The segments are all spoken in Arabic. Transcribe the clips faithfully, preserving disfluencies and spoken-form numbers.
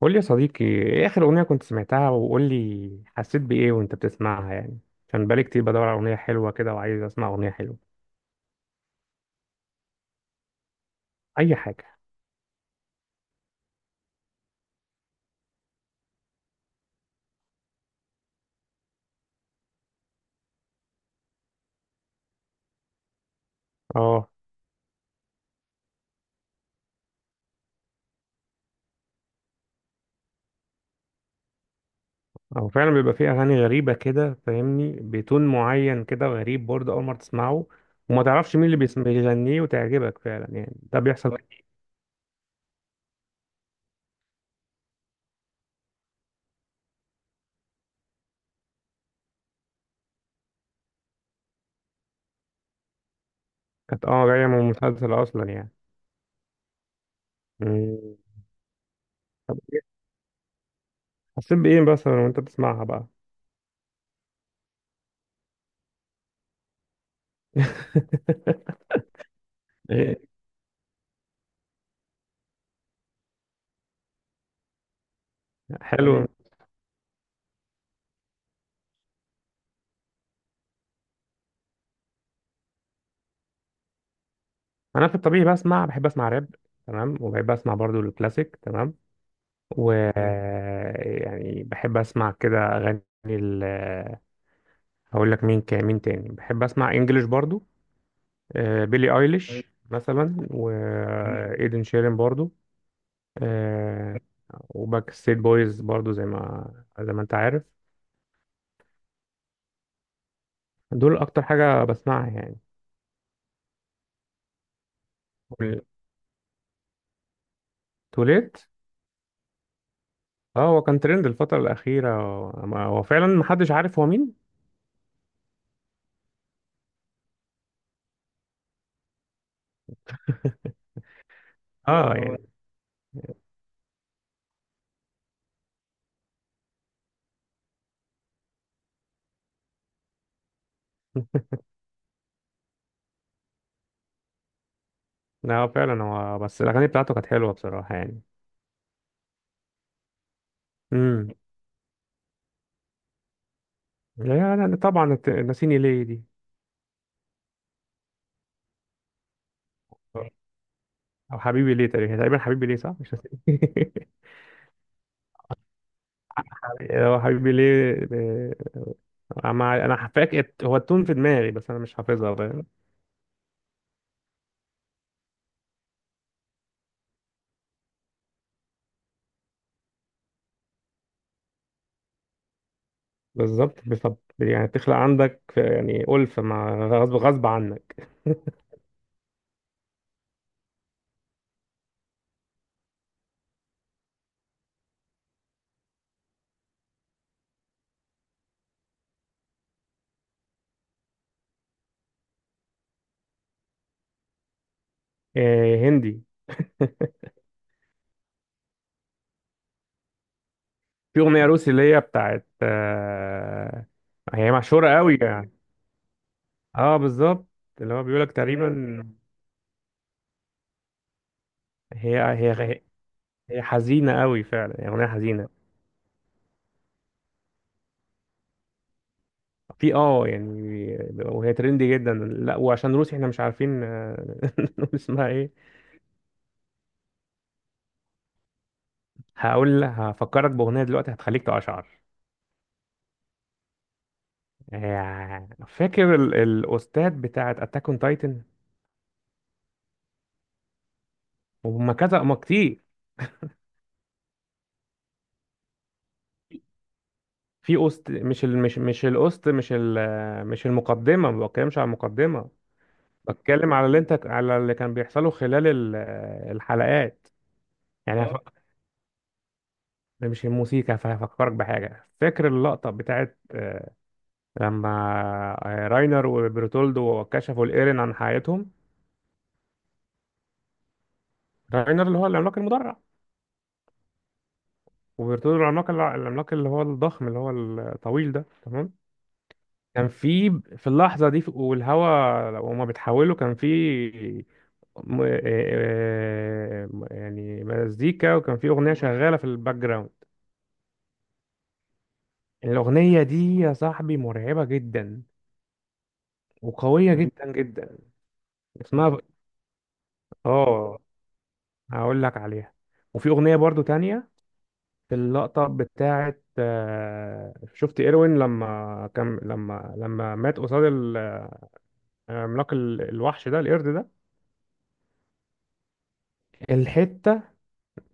قول لي يا صديقي، ايه اخر اغنيه كنت سمعتها؟ وقول لي حسيت بايه وانت بتسمعها يعني. عشان بقالي كتير بدور على اغنيه حلوه كده، وعايز اسمع اغنيه حلوه. اي حاجه. اه. او فعلا بيبقى فيه اغاني غريبه كده، فاهمني، بتون معين كده غريب برضه اول مره تسمعه، وما تعرفش مين اللي بيسم- بيغنيه، وتعجبك فعلا يعني. ده بيحصل كتير. كانت اه جايه من مسلسل اصلا يعني. مم. طب إيه؟ حسيت بايه مثلا وانت بتسمعها بقى؟ إيه؟ حلو. انا في الطبيعي بسمع بحب اسمع راب، تمام. وبحب اسمع برضو الكلاسيك، تمام. و يعني بحب اسمع كده اغاني ال هقول لك مين كان مين تاني بحب اسمع انجلش برضو. آه، بيلي ايليش مثلا، وايدن شيرين برضو. آه، وباك ستيت بويز برضو، زي ما زي ما انت عارف. دول اكتر حاجة بسمعها يعني. توليت. اه، هو كان ترند الفترة الأخيرة، هو هو فعلا محدش عارف هو مين. اه يعني. لا، هو فعلا، هو بس الاغاني بتاعته كانت حلوه بصراحه يعني. امم يعني طبعا الت- ناسيني ليه دي. او حبيبي ليه، تقريبا تقريبا حبيبي ليه صح، مش ناسيني. هو حبيبي ليه. آه، مع- انا فاكر هو التون في دماغي، بس انا مش حافظها، فاهم. بالظبط بفض... يعني تخلق عندك يعني ألفة، مع غصب غصب عنك. آه، هندي. في أغنية روسي اللي هي بتاعت آه، هي مشهورة قوي يعني. اه بالظبط. اللي هو بيقولك تقريبا. هي هي هي حزينة قوي فعلا يعني، أغنية حزينة. في اه يعني. وهي ترندي جدا، لا وعشان روسي احنا مش عارفين آه، نقول اسمها ايه. هقول هفكرك بأغنية دلوقتي هتخليك تقشعر. آه، فاكر ال- الأوستات بتاعت أتاك أون تايتن؟ وهم كذا ما كتير. في أوست، مش ال... مش مش الأوست مش ال... مش المقدمة، ما بتكلمش على المقدمة. بتكلم على اللي انت على اللي كان بيحصله خلال ال- الحلقات يعني. ده مش الموسيقى، فهفكرك بحاجة. فاكر اللقطة بتاعت آه، لما آه، راينر وبرتولدو كشفوا الإيرين عن حياتهم؟ راينر اللي هو العملاق المدرع، وبرتولدو العملاق العملاق اللي هو الضخم، اللي هو الطويل ده، تمام. كان في في اللحظة دي، والهوا وهما بيتحولوا، كان في م- آه، آه، يعني مزيكا، وكان في أغنية شغالة في الباك جراوند. الأغنية دي يا صاحبي مرعبة جدا، وقوية جدا جدا. اسمها اه هقول لك عليها. وفي اغنيه برضو تانية، في اللقطه بتاعه آه، شفت ايروين لما كان لما لما مات قصاد ال- آه، عملاق ال- الوحش ده، القرد ده. الحته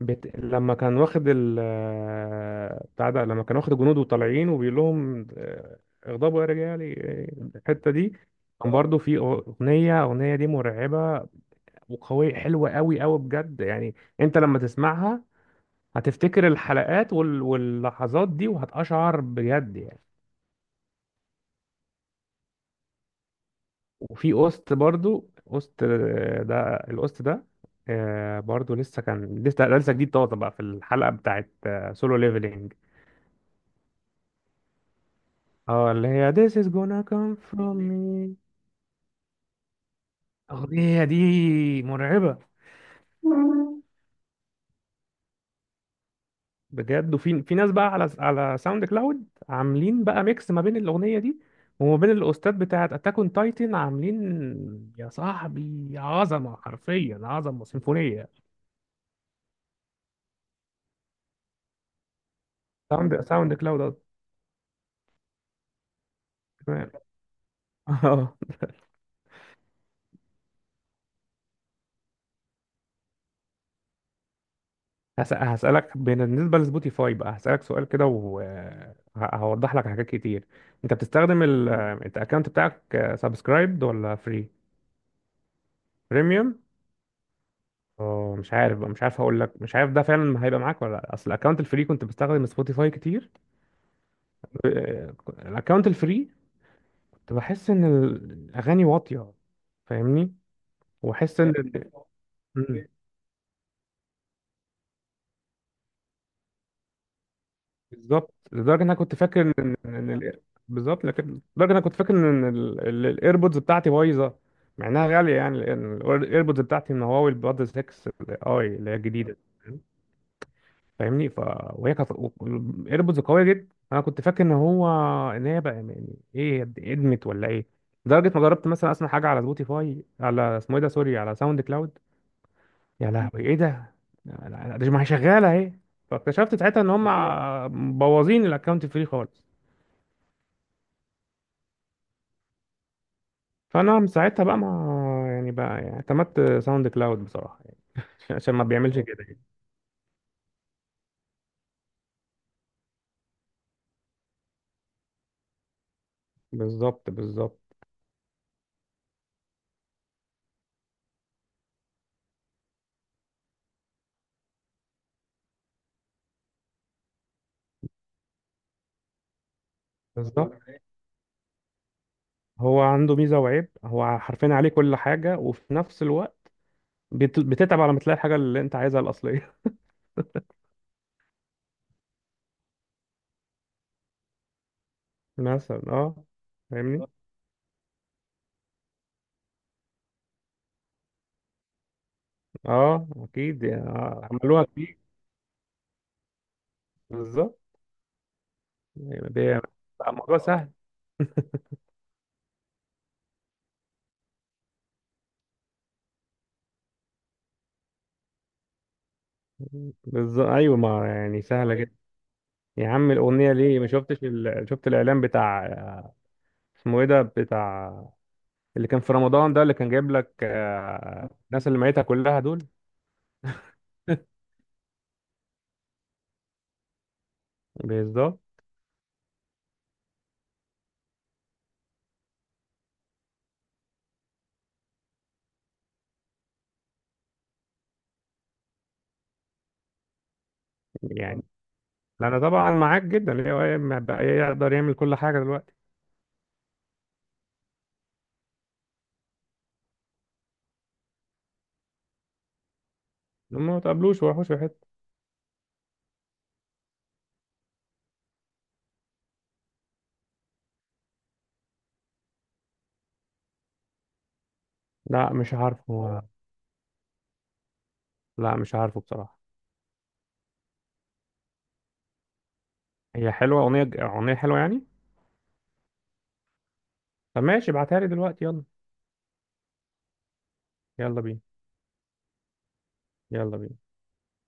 بت... لما كان واخد ال آه، بتاع ده لما كان واخد الجنود وطالعين، وبيقول لهم آه، اغضبوا يا رجالي آه، الحته دي كان. اه، برضو في اغنيه، اغنيه دي مرعبه وقويه، حلوه قوي قوي بجد يعني. انت لما تسمعها هتفتكر الحلقات وال... واللحظات دي، وهتقشعر بجد يعني. وفي قسط برضو، قسط آه، ده القسط ده آه، برضو لسه، كان لسه ده لسه جديد طازه بقى، في الحلقه بتاعت سولو ليفلينج. اه، اللي هي This is gonna come from me. الأغنية دي مرعبة بجد. وفي في ناس بقى على على ساوند كلاود، عاملين بقى ميكس ما بين الاغنيه دي وما بين الاوستات بتاعت اتاك اون تايتن. عاملين يا صاحبي عظمه، حرفيا عظمه سيمفونيه. ساوند ساوند كلاود قصدي. تمام. اه. هس- هسألك بالنسبة لسبوتيفاي بقى، هسألك سؤال كده وهوضح لك حاجات كتير. انت بتستخدم ال... انت الاكونت بتاعك سبسكرايبد ولا فري؟ بريميوم. اه، مش عارف بقى مش عارف، هقول لك، مش عارف ده فعلا هيبقى معاك ولا لا. اصل الاكونت الفري، كنت بستخدم سبوتيفاي كتير آه، الاكونت الفري، كنت بحس ان الاغاني واطيه، فاهمني. واحس ان مم، بالظبط. لدرجه ان انا كنت فاكر ان إن- إن ال- بالظبط. لكن لدرجه ان انا كنت فاكر ان الايربودز بتاعتي بايظه، مع انها غاليه يعني. الايربودز بتاعتي من هواوي، البادز ستة، اي اللي هي الجديده، فاهمني. ف وهي كانت الايربودز قويه جدا، انا كنت فاكر ان هو ان هي بقى يعني ايه، ادمت ولا ايه. لدرجه ما جربت مثلا اسمع حاجه على سبوتيفاي، على اسمه ايه ده، سوري، على ساوند كلاود. يا لهوي ايه ده، لا- ده ما هي شغاله اهي. فاكتشفت ساعتها ان هم، ايوه، ع- مبوظين الاكونت فري خالص. فانا من ساعتها بقى ما يعني، بقى يعني اعتمدت ساوند كلاود بصراحه يعني، عشان عشان ما بيعملش اه كده يعني. بالظبط، بالظبط، بالظبط. هو عنده ميزه وعيب، هو حرفيا عليه كل حاجه، وفي نفس الوقت بت- بتتعب على ما تلاقي الحاجة اللي انت عايزها الأصلية. مثلا اه. فاهمني. اه اكيد يعني، آه، عملوها كتير. بالظبط. يعني دي- الموضوع سهل. بالظبط. ايوه ما يعني سهلة جدا. يا عم الأغنية، ليه ما شفتش ال... شفت الإعلان بتاع، اسمه ايه ده، بتاع اللي كان في رمضان ده، اللي كان جايب لك آه، الناس اللي ميتها كلها دول. بالظبط يعني. انا طبعا معاك جدا، اللي هو إيه، ما بقى يقدر يعمل كل حاجة دلوقتي. هم ما تقابلوش وحوش في حتة. لا، مش عارف هو. لا، مش عارفه بصراحة. هي حلوة، أغنية أغنية حلوة يعني. طب ماشي، ابعتها لي دلوقتي، يلا. يلا بينا. يلا بينا.